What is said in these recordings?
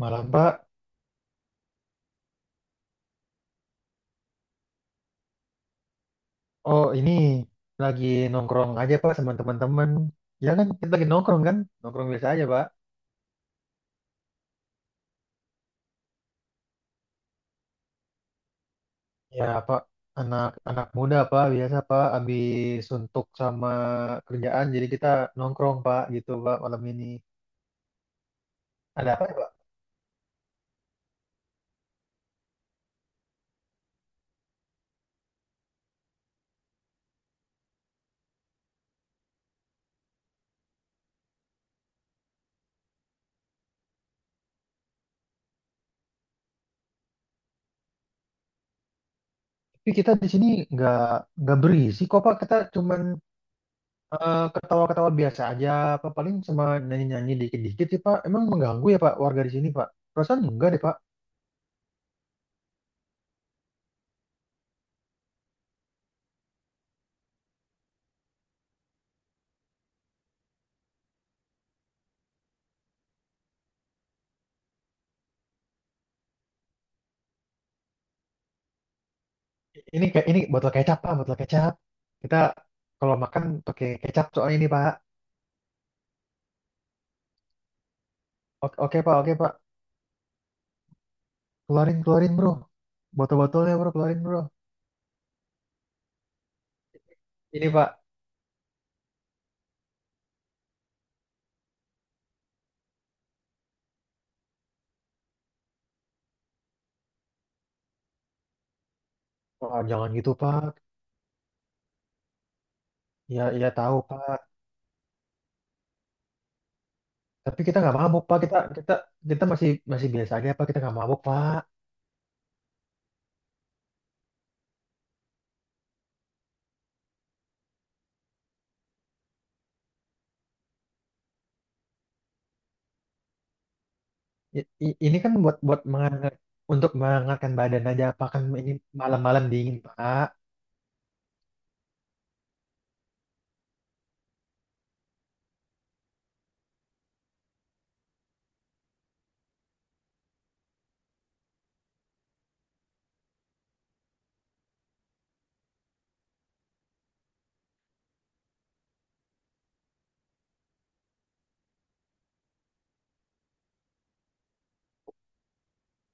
Malam Pak, oh ini lagi nongkrong aja Pak sama teman-teman. Ya kan kita lagi nongkrong kan, nongkrong biasa aja Pak. Ya Pak, anak-anak muda Pak biasa Pak, habis suntuk sama kerjaan jadi kita nongkrong Pak gitu Pak malam ini. Ada apa ya Pak? Tapi kita di sini nggak nggak berisi kok Pak, kita cuman ketawa-ketawa biasa aja Pak paling sama nyanyi-nyanyi dikit-dikit sih Pak. Emang mengganggu ya Pak warga di sini Pak? Perasaan enggak deh Pak. Ini kayak ini botol kecap Pak, botol kecap. Kita kalau makan pakai kecap soalnya ini Pak. Oke, oke, Pak, oke Pak. Keluarin, keluarin Bro. Botol-botolnya Bro, keluarin Bro. Ini Pak. Wah, jangan gitu Pak. Ya, ya tahu Pak. Tapi kita nggak mabuk Pak. Kita kita kita masih masih biasa aja Pak. Kita nggak mabuk Pak. Ini kan buat buat menghangat untuk menghangatkan badan aja Pak. Kan ini malam-malam dingin Pak.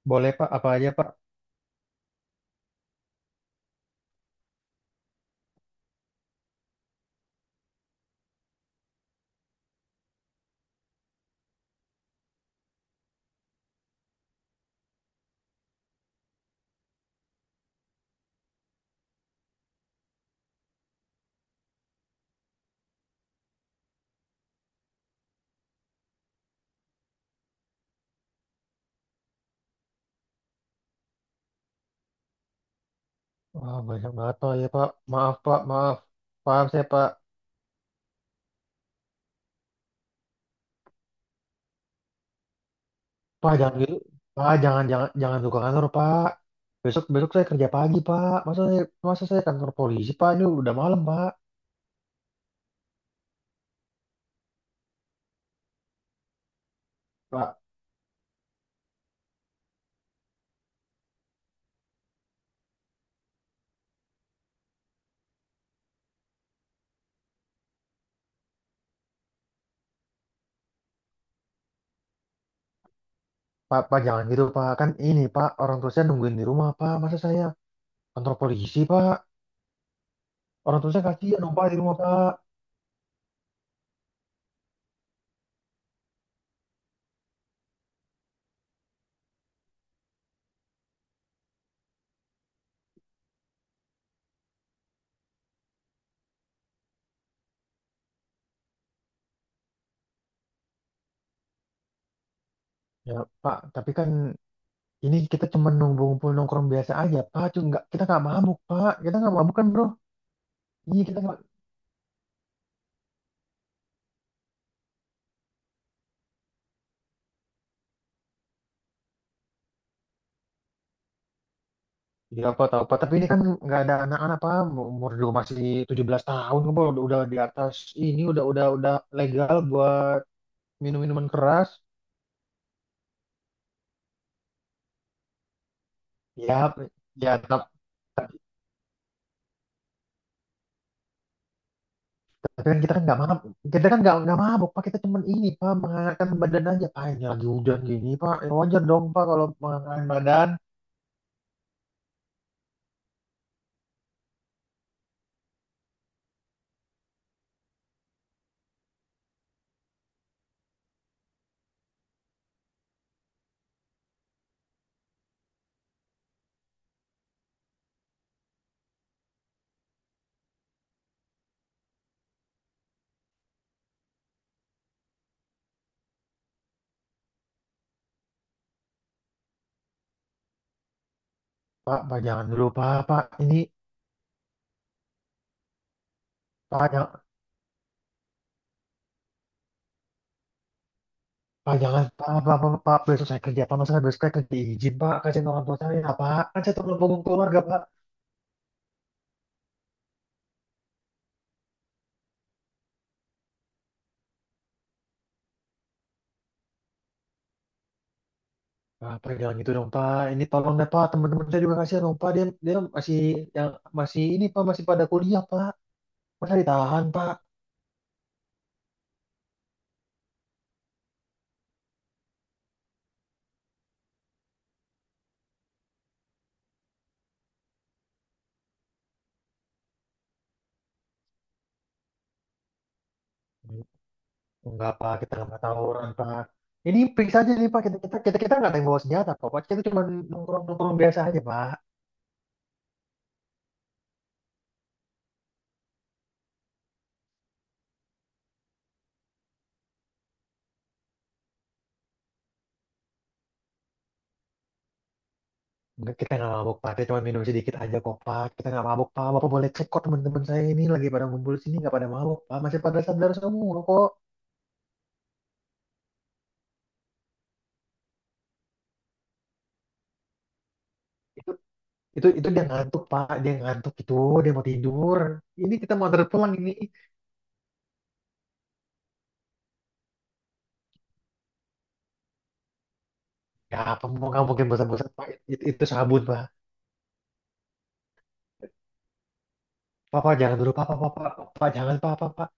Boleh Pak, apa aja Pak? Wah, banyak banget Pak ya Pak. Maaf Pak, maaf. Paham saya Pak. Pak, jangan gitu. Pak, jangan jangan jangan buka kantor, Pak. Besok besok saya kerja pagi, Pak. Masa saya kantor polisi, Pak? Ini udah malam, Pak. Pak, Pak, Pak, jangan gitu, Pak. Kan ini, Pak, orang tua saya nungguin di rumah, Pak. Masa saya kantor polisi, Pak? Orang tua saya kasihan dong, Pak, di rumah, Pak. Ya, Pak, tapi kan ini kita cuma nunggu ngumpul nongkrong biasa aja, Pak. Cuma nggak, kita nggak mabuk, Pak. Kita nggak mabuk kan, bro? Iya, kita nggak. Iya, apa tahu apa. Tapi ini kan nggak ada anak-anak pak umur juga masih 17 tahun apa udah di atas ini udah legal buat minum minuman keras. Ya, ya tap- tapi kan kita kan nggak mabuk. Kita kan nggak mabuk Pak. Kita cuman ini Pak menghangatkan badan aja. Pak ini lagi hujan gini Pak. Ya, wajar dong Pak kalau menghangatkan badan. Pak, Pak jangan dulu Pak. Pak ini Pak jangan Pak jangan Pak Pak Pak, Pak, besok saya kerja Pak. Masa besok saya kerja izin Pak. Kasihin orang tua saya Pak. Kan saya terlalu punggung keluarga Pak. Ah, Pak, jangan gitu dong, Pak. Ini tolong deh, Pak. Teman-teman saya juga kasihan dong, Pak. Dia masih yang masih ini, Pak, masih pada kuliah, Pak. Masa ditahan, Pak? Enggak, Pak. Kita nggak pernah tawuran, Pak. Ini periksa aja nih, Pak. Kita kita kita kita nggak ada yang bawa senjata, kok, Pak. Kita cuma nongkrong-nongkrong biasa aja, Pak. Enggak, kita nggak mabuk, Pak. Kita cuma minum sedikit aja, kok, Pak. Kita nggak mabuk, Pak. Bapak boleh cek kok teman-teman saya ini lagi pada ngumpul sini nggak pada mabuk, Pak. Masih pada sadar semua, kok. Itu itu dia ngantuk, Pak. Dia ngantuk itu. Dia mau tidur. Ini kita mau antar pulang ini. Ya, apa mau nggak mungkin bosan-bosan Pak? Itu sabun Pak. Papa jangan dulu, Papa, Papa, Pak jangan Pak, Pak, Pak.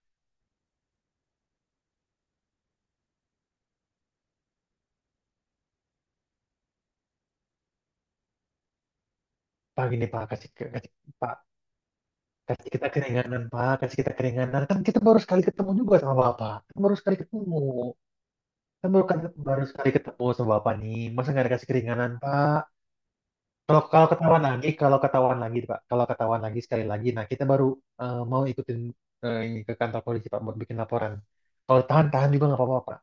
Pak gini Pak, kasih, kasih Pak, kasih kita keringanan Pak, kasih kita keringanan. Kan kita baru sekali ketemu juga sama Bapak. Kan baru sekali ketemu. Kan, baru sekali ketemu sama Bapak nih. Masa nggak dikasih keringanan Pak? Kalau kalau ketahuan lagi Pak, kalau ketahuan lagi sekali lagi, nah kita baru mau ikutin ini ke kantor polisi Pak buat bikin laporan. Kalau tahan-tahan juga nggak apa-apa Pak.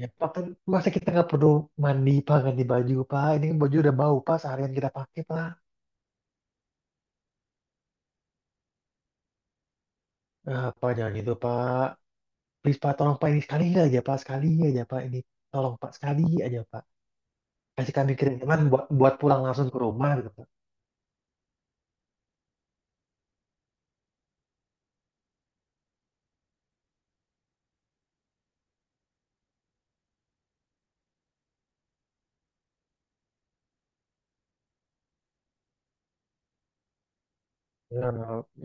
Ya, Pak, kan masa kita nggak perlu mandi, Pak, ganti baju, Pak. Ini kan baju udah bau, Pak, seharian kita pakai, Pak. Eh, Pak, jangan gitu, Pak. Please, Pak, tolong, Pak, ini sekali aja, Pak. Sekali aja, Pak. Ini, tolong, Pak, sekali aja, Pak. Kasih kami kiriman buat, buat pulang langsung ke rumah, gitu, Pak. Ya,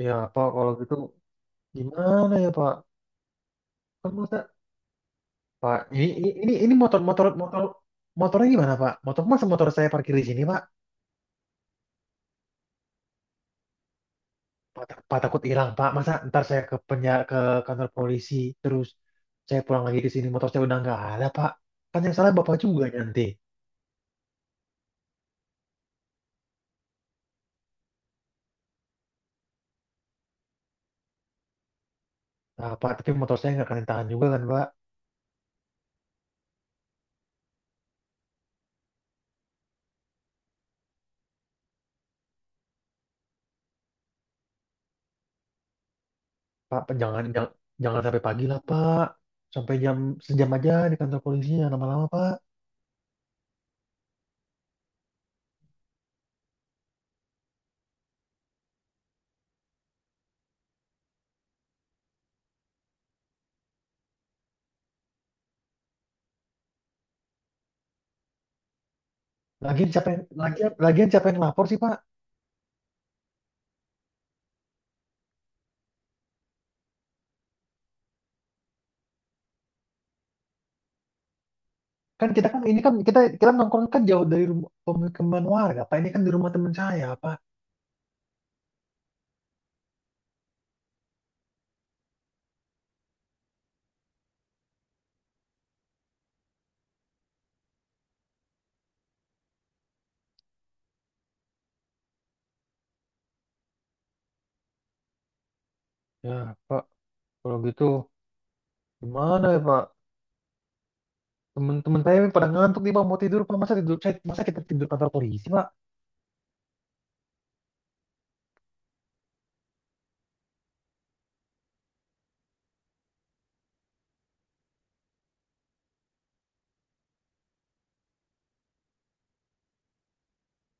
ya, Pak, kalau gitu gimana ya, Pak? Kan masa, Pak, ini, ini motor, motor, motor, motornya gimana, Pak? Motor masa motor saya parkir di sini, Pak? Pak, Pak takut hilang, Pak. Masa ntar saya ke penjara, ke kantor polisi, terus saya pulang lagi ke sini, motor saya udah nggak ada, Pak. Kan yang salah Bapak juga nanti. Nah, Pak, tapi motor saya nggak kena tangan juga kan, Pak. Pak, jangan sampai pagi lah, Pak. Sampai jam sejam aja di kantor polisinya lama-lama, Pak. Lagian siapa yang lapor sih, Pak? Kan kita kan ini kan kita kita nongkrong kan jauh dari rumah pemukiman warga, Pak. Ini kan di rumah teman saya, Pak. Ya, Pak, kalau gitu gimana ya, Pak? Teman-teman saya yang pada ngantuk nih Pak, mau tidur Pak. Masa tidur saya, masa kita tidur kantor polisi Pak?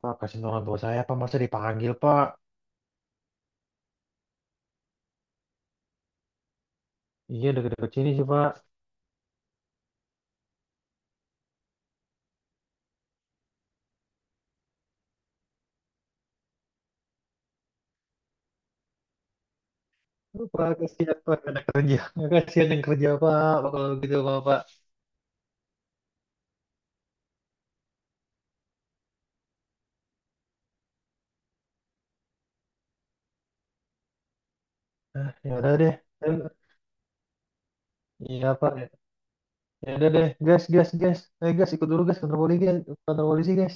Pak, kasihan orang tua saya Pak, masa dipanggil Pak? Iya, deket-deket sini sih Pak. Aduh, Pak, kasihan Pak, ada kerja. Nggak kasihan yang kerja Pak, Pak, kalau gitu Pak, Pak. Ah, ya udah deh. Dan iya Pak, ya udah deh. Gas, gas, gas. Eh, gas, ikut dulu gas, kantor polisi, guys. Kantor polisi guys.